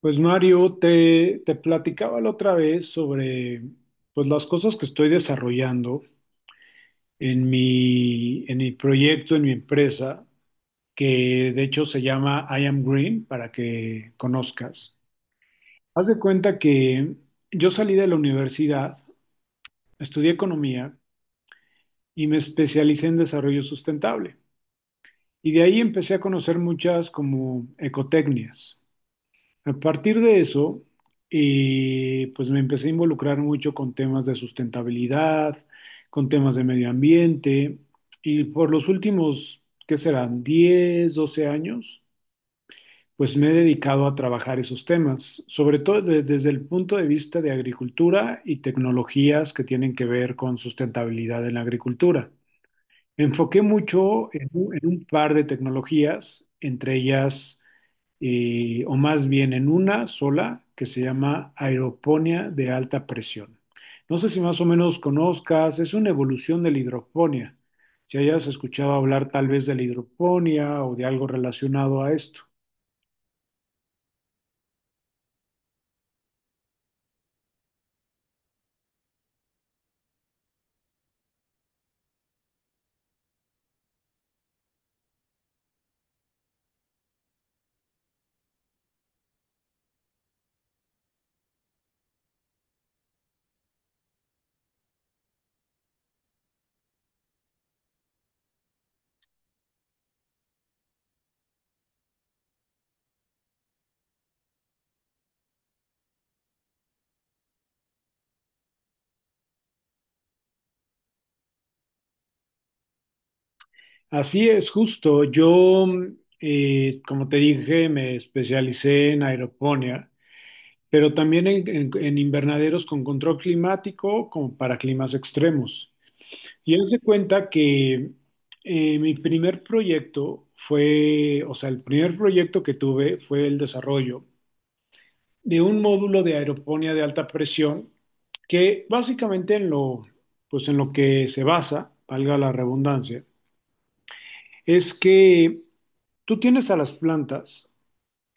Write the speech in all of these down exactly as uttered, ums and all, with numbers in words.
Pues Mario, te, te platicaba la otra vez sobre pues las cosas que estoy desarrollando en mi, en mi proyecto, en mi empresa, que de hecho se llama I Am Green, para que conozcas. Haz de cuenta que yo salí de la universidad, estudié economía y me especialicé en desarrollo sustentable. Y de ahí empecé a conocer muchas como ecotecnias. A partir de eso, eh, pues me empecé a involucrar mucho con temas de sustentabilidad, con temas de medio ambiente, y por los últimos, ¿qué serán? Diez, doce años, pues me he dedicado a trabajar esos temas, sobre todo de- desde el punto de vista de agricultura y tecnologías que tienen que ver con sustentabilidad en la agricultura. Me enfoqué mucho en un, en un par de tecnologías, entre ellas eh, o más bien en una sola que se llama aeroponía de alta presión. No sé si más o menos conozcas, es una evolución de la hidroponía. Si hayas escuchado hablar tal vez de la hidroponía o de algo relacionado a esto. Así es, justo. Yo, eh, como te dije, me especialicé en aeroponía, pero también en, en- en invernaderos con control climático como para climas extremos. Y él se cuenta que eh, mi primer proyecto fue, o sea, el primer proyecto que tuve fue el desarrollo de un módulo de aeroponía de alta presión que básicamente en lo, pues en lo que se basa, valga la redundancia, es que tú tienes a las plantas,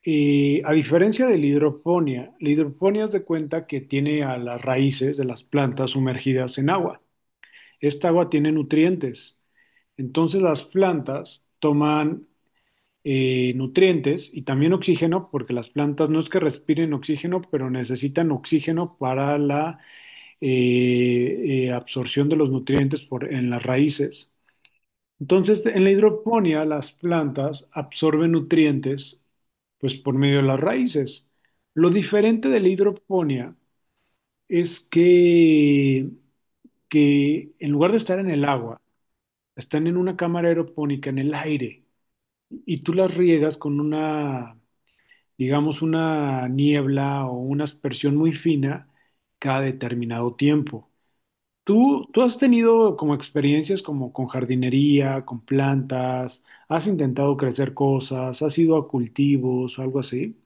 eh, a diferencia de la hidroponía, la hidroponía es de cuenta que tiene a las raíces de las plantas sumergidas en agua. Esta agua tiene nutrientes. Entonces las plantas toman eh, nutrientes y también oxígeno, porque las plantas no es que respiren oxígeno, pero necesitan oxígeno para la eh, eh, absorción de los nutrientes por- en las raíces. Entonces, en la hidroponía, las plantas absorben nutrientes pues por medio de las raíces. Lo diferente de la hidroponía es que, que en lugar de estar en el agua, están en una cámara aeropónica en el aire. Y tú las riegas con una, digamos, una niebla o una aspersión muy fina cada determinado tiempo. ¿Tú, tú has tenido como experiencias como con jardinería, con plantas? ¿Has intentado crecer cosas? ¿Has ido a cultivos o algo así?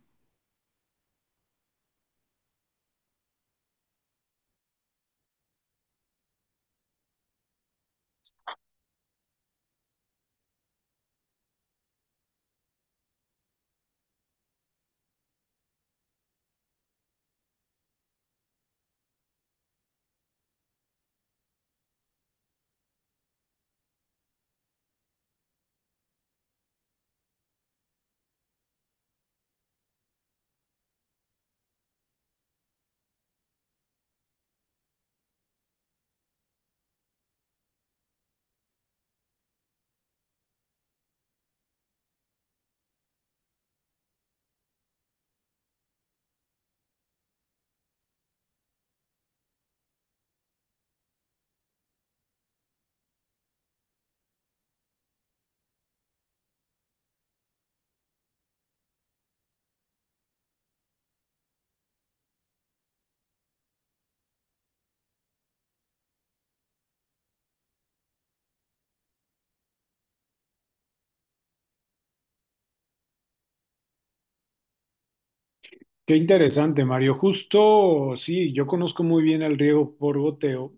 Qué interesante, Mario. Justo, sí, yo conozco muy bien el riego por goteo.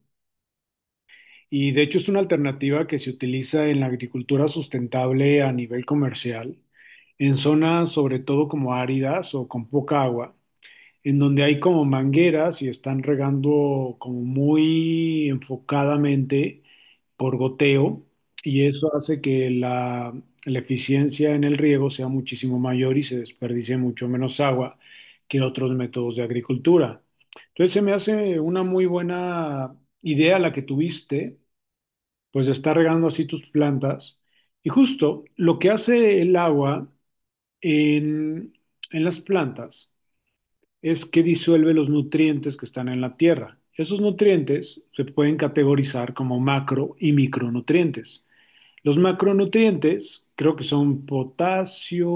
Y de hecho es una alternativa que se utiliza en la agricultura sustentable a nivel comercial, en zonas sobre todo como áridas o con poca agua, en donde hay como mangueras y están regando como muy enfocadamente por goteo, y eso hace que la, la eficiencia en el riego sea muchísimo mayor y se desperdicie mucho menos agua que otros métodos de agricultura. Entonces se me hace una muy buena idea la que tuviste, pues está regando así tus plantas. Y justo lo que hace el agua en, en las plantas es que disuelve los nutrientes que están en la tierra. Esos nutrientes se pueden categorizar como macro y micronutrientes. Los macronutrientes creo que son potasio,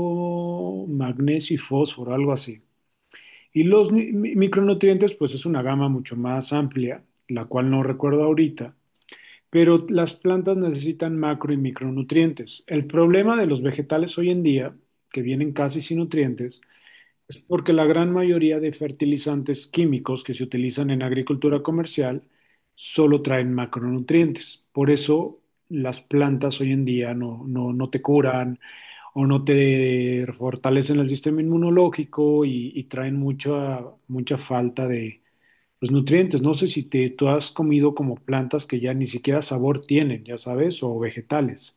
magnesio y fósforo, algo así. Y los mi- micronutrientes, pues es una gama mucho más amplia, la cual no recuerdo ahorita, pero las plantas necesitan macro y micronutrientes. El problema de los vegetales hoy en día, que vienen casi sin nutrientes, es porque la gran mayoría de fertilizantes químicos que se utilizan en agricultura comercial solo traen macronutrientes. Por eso las plantas hoy en día no, no, no te curan o no te fortalecen el sistema inmunológico y, y traen mucha, mucha falta de los nutrientes. No sé si te, tú has comido como plantas que ya ni siquiera sabor tienen, ya sabes, o vegetales.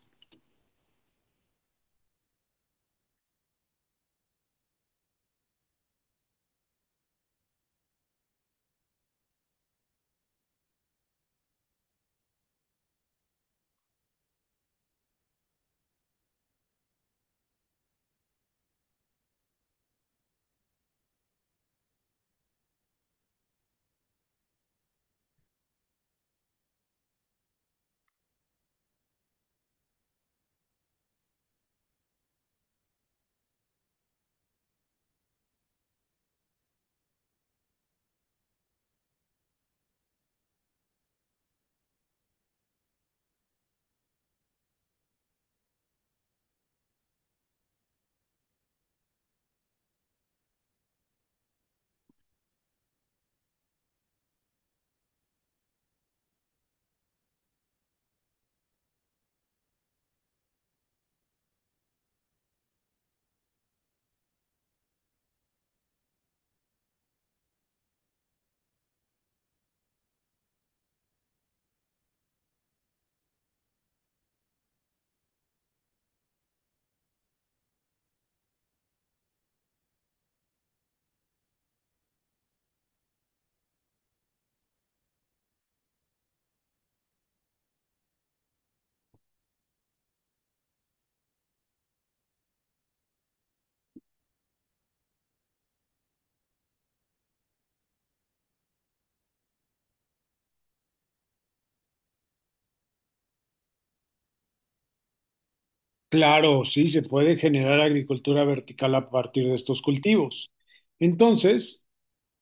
Claro, sí, se puede generar agricultura vertical a partir de estos cultivos. Entonces,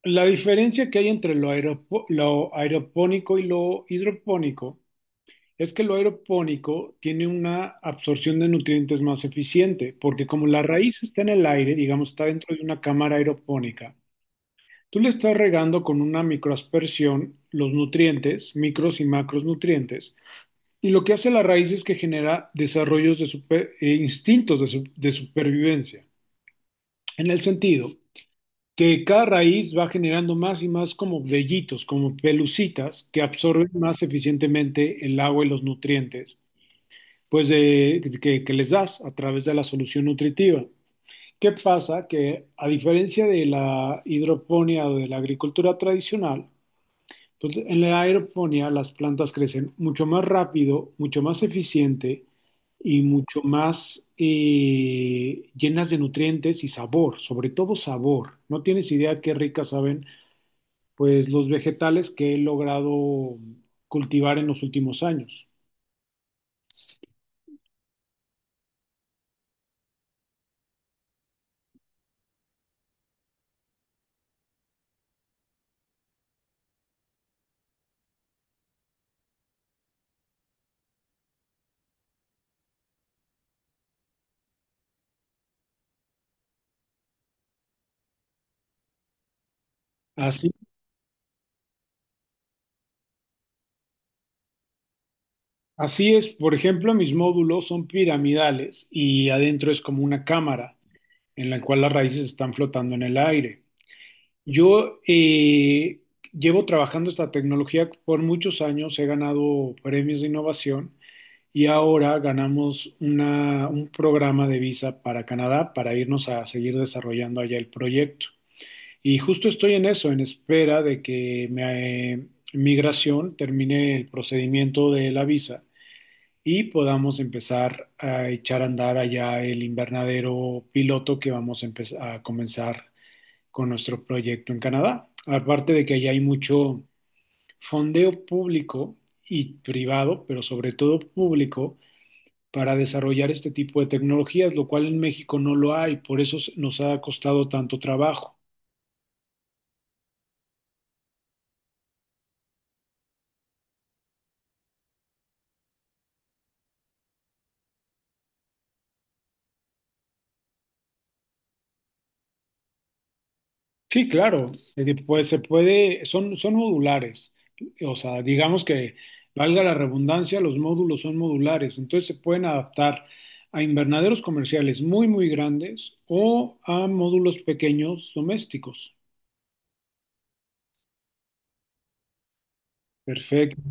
la diferencia que hay entre lo, aeropo- lo aeropónico y lo hidropónico es que lo aeropónico tiene una absorción de nutrientes más eficiente, porque como la raíz está en el aire, digamos, está dentro de una cámara aeropónica. Tú le estás regando con una microaspersión los nutrientes, micros y macros nutrientes, y lo que hace la raíz es que genera desarrollos de super- eh, instintos de, su- de supervivencia, en el sentido que cada raíz va generando más y más como vellitos, como pelucitas que absorben más eficientemente el agua y los nutrientes, pues de- que, que les das a través de la solución nutritiva. ¿Qué pasa? Que a diferencia de la hidroponía o de la agricultura tradicional, entonces, en la aeroponía las plantas crecen mucho más rápido, mucho más eficiente y mucho más eh, llenas de nutrientes y sabor, sobre todo sabor. No tienes idea qué ricas saben, pues los vegetales que he logrado cultivar en los últimos años. Así, así es, por ejemplo, mis módulos son piramidales y adentro es como una cámara en la cual las raíces están flotando en el aire. Yo eh, Llevo trabajando esta tecnología por muchos años, he ganado premios de innovación y ahora ganamos una- un programa de visa para Canadá para irnos a seguir desarrollando allá el proyecto. Y justo estoy en eso, en espera de que me- eh, migración termine el procedimiento de la visa y podamos empezar a echar a andar allá el invernadero piloto que vamos a, empezar a comenzar con nuestro proyecto en Canadá. Aparte de que allá hay mucho fondeo público y privado, pero sobre todo público, para desarrollar este tipo de tecnologías, lo cual en México no lo hay, por eso nos ha costado tanto trabajo. Sí, claro, es que, pues se puede, son, son modulares, o sea, digamos que valga la redundancia, los módulos son modulares, entonces se pueden adaptar a invernaderos comerciales muy, muy grandes o a módulos pequeños domésticos. Perfecto,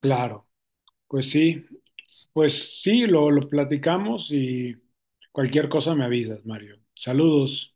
claro. Pues sí, pues sí, lo, lo platicamos y cualquier cosa me avisas, Mario. Saludos.